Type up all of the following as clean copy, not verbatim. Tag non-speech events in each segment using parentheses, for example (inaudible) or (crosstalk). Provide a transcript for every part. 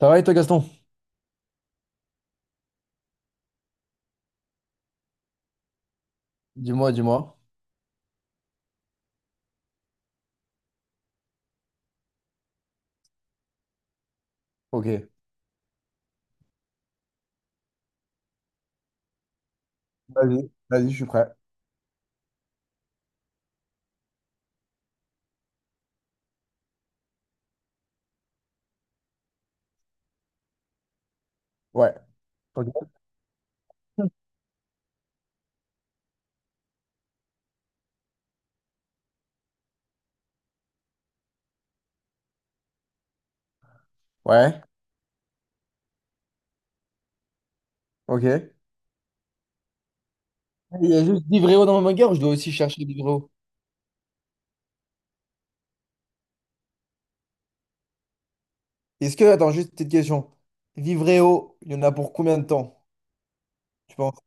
Ça va et toi, Gaston? Dis-moi, dis-moi. Ok. Vas-y, vas-y, je suis prêt. Ouais. Ok. Ouais. Ok. Il y a juste Vivreo dans ma guerre ou je dois aussi chercher Vivreo? Est-ce que, attends, juste une petite question. Vivreo, il y en a pour combien de temps? Tu penses?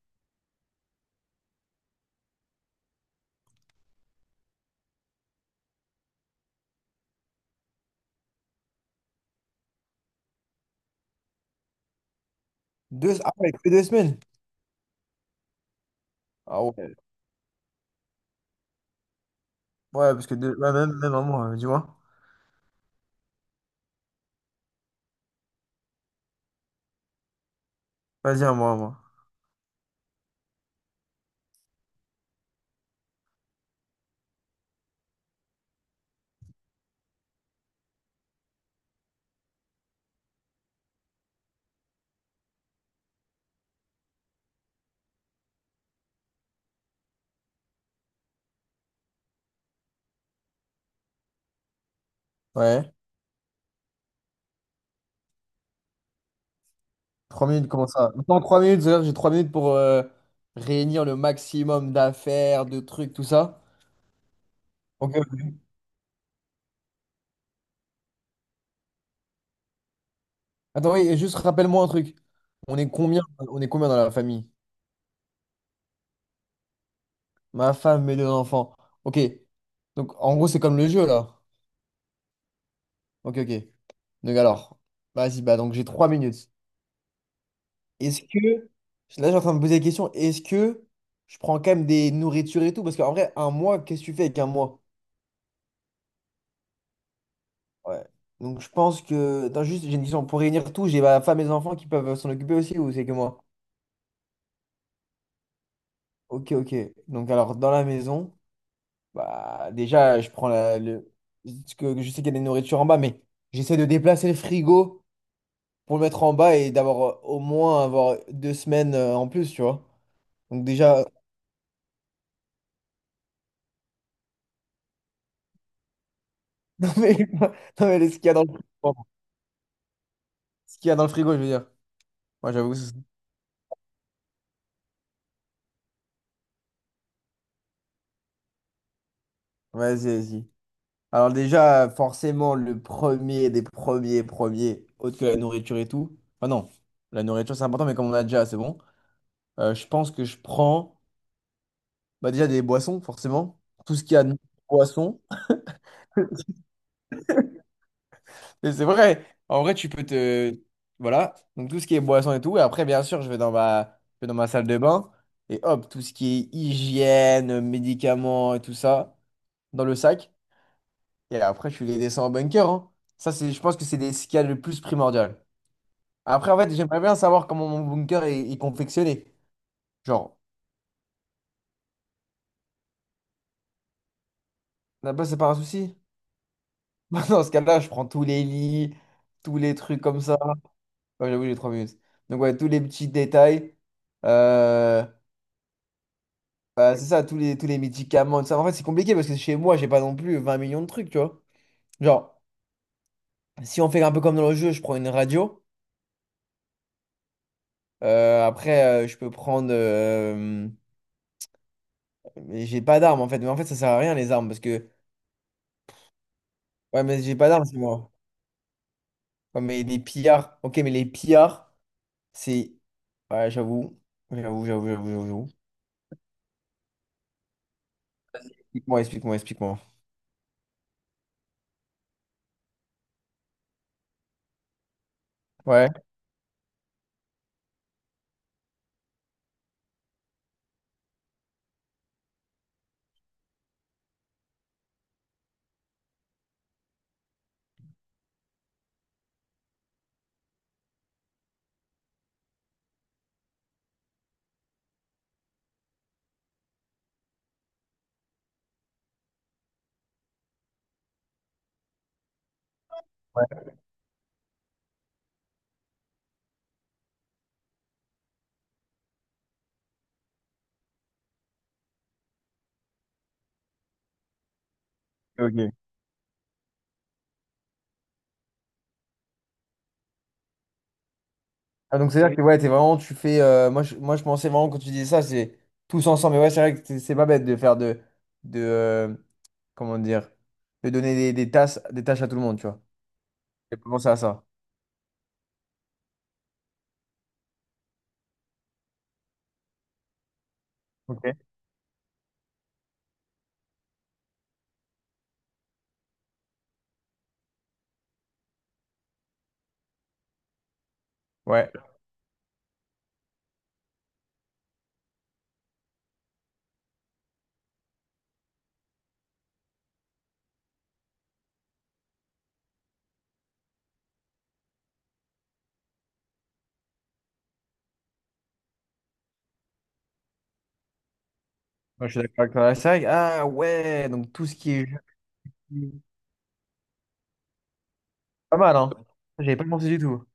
Ah ouais, que 2 semaines? Ah ouais. Ouais, parce que ouais, même un mois, dis-moi. Vas-y, un mois un mois. Ouais. 3 minutes, comment ça? Dans 3 minutes, c'est-à-dire que j'ai 3 minutes pour réunir le maximum d'affaires, de trucs, tout ça. Ok, attends, oui, et juste rappelle-moi un truc. On est combien dans la famille? Ma femme, mes 2 enfants. Ok. Donc, en gros, c'est comme le jeu, là. Ok, ok. Donc, alors, vas-y, bah, donc j'ai 3 minutes. Est-ce que, là, j'ai en train de me poser la question, est-ce que je prends quand même des nourritures et tout? Parce qu'en vrai, un mois, qu'est-ce que tu fais avec un mois? Ouais. Donc, je pense que, attends, juste, j'ai une question. Pour réunir tout, j'ai ma femme et mes enfants qui peuvent s'en occuper aussi, ou c'est que moi? Ok, ok. Donc, alors, dans la maison. Bah, déjà, je prends Je sais qu'il y a des nourritures en bas, mais j'essaie de déplacer le frigo pour le mettre en bas et d'avoir au moins avoir 2 semaines, en plus, tu vois. Donc déjà. (laughs) Non mais, non, mais ce qu'il y a dans le frigo. Ce qu'il y a dans le frigo, je veux dire. Moi, j'avoue. Ça. Vas-y, vas-y. Alors déjà, forcément, le premier des premiers, autre que la nourriture et tout. Enfin non, la nourriture c'est important, mais comme on a déjà, c'est bon. Je pense que je prends bah, déjà des boissons, forcément. Tout ce qu'il y a de boissons. Et c'est vrai. En vrai, tu peux te... Voilà. Donc, tout ce qui est boisson et tout. Et après, bien sûr, je vais dans ma salle de bain. Et hop, tout ce qui est hygiène, médicaments et tout ça, dans le sac. Et après, tu les descends en bunker, hein. Ça, c'est, je pense que c'est ce qu'il y a le plus primordial. Après, en fait, j'aimerais bien savoir comment mon bunker est confectionné. Genre, là-bas, c'est pas un souci. (laughs) Dans ce cas-là, je prends tous les lits, tous les trucs comme ça. Ouais, j'avoue, j'ai 3 minutes. Donc, ouais, tous les petits détails. Euh... Bah, c'est ça, tous les médicaments, tout ça. En fait, c'est compliqué parce que chez moi, j'ai pas non plus 20 millions de trucs, tu vois. Genre, si on fait un peu comme dans le jeu, je prends une radio. Après, je peux prendre. Mais j'ai pas d'armes en fait. Mais en fait, ça sert à rien les armes parce que. Ouais, mais j'ai pas d'armes, c'est moi. Ouais, mais les pillards. Ok, mais les pillards, c'est. Ouais, j'avoue. J'avoue, j'avoue, j'avoue, j'avoue. Explique-moi, explique-moi, explique-moi. Ouais. Ouais, ok. Ah, donc c'est-à-dire que ouais, t'es vraiment, tu fais. Moi, je pensais vraiment quand tu disais ça, c'est tous ensemble. Mais ouais, c'est vrai que c'est pas bête de faire de comment dire, de donner des tâches à tout le monde, tu vois. J'ai pas pensé à ça. Ok. Ouais. Moi, je suis d'accord avec toi. C'est vrai ah ouais, donc tout ce qui est pas mal, hein. Ça, j'avais pas pensé du tout.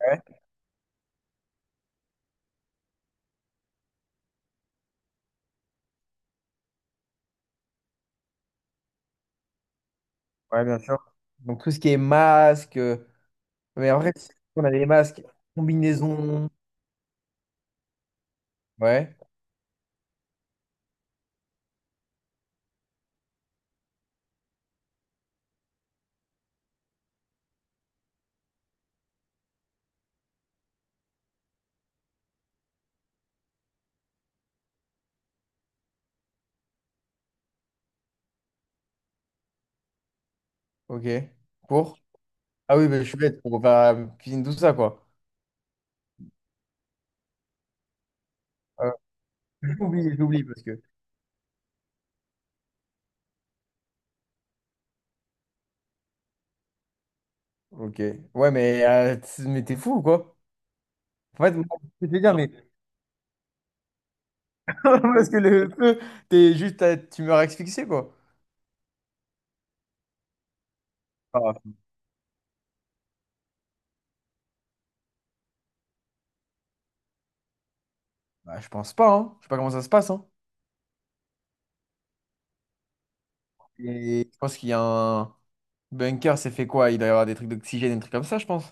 Ouais. Ouais, bien sûr. Donc tout ce qui est masque. Mais en vrai, on a les masques, combinaisons. Ouais. Ok. Pour. Ah oui, mais je suis bête pour faire la cuisine, tout ça, quoi. J'oublie, j'oublie parce que. Ok. Ouais, mais t'es fou ou quoi? En fait, moi, je vais te dire, mais. (laughs) Parce que le feu, t'es juste à... tu meurs asphyxié, quoi. Ah, bah, je pense pas, hein. Je sais pas comment ça se passe, hein. Et je pense qu'il y a un. Bunker, c'est fait quoi? Il doit y avoir des trucs d'oxygène, des trucs comme ça, je pense.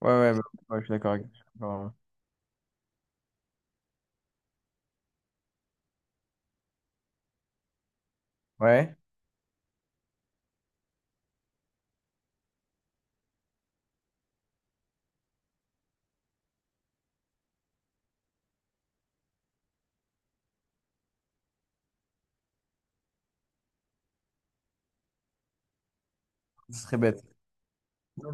Ouais, ouais, bah, ouais, je suis d'accord avec. Ouais. Ouais, ce serait bête.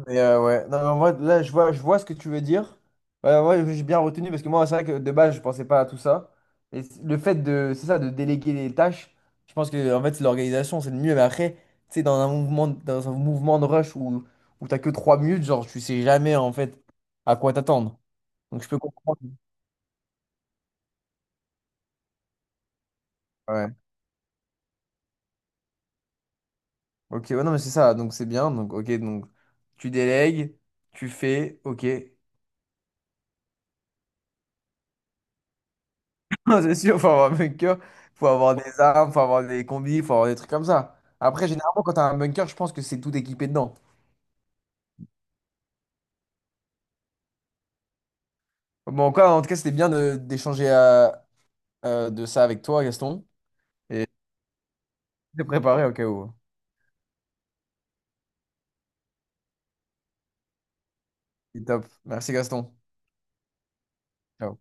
Et, ouais. Non, mais en là, je vois ce que tu veux dire. Ouais, ouais, j'ai bien retenu parce que moi, c'est vrai que de base, je pensais pas à tout ça. Et le fait de, c'est ça, de déléguer les tâches, je pense que en fait, c'est l'organisation, c'est le mieux. Mais après, tu sais, dans un mouvement de rush où t'as que 3 minutes, genre, tu sais jamais en fait à quoi t'attendre. Donc, je peux comprendre. Ouais. Ok, ouais, non, mais c'est ça. Donc, c'est bien. Donc, ok, donc, tu délègues, tu fais, ok. (laughs) Non, c'est sûr, faut avoir un bunker, faut avoir des armes, faut avoir des combis, faut avoir des trucs comme ça. Après, généralement, quand t'as un bunker, je pense que c'est tout équipé dedans. Bon, en tout cas, c'était bien d'échanger de ça avec toi, Gaston. Et de préparé au cas où. C'est top. Merci, Gaston. Ciao.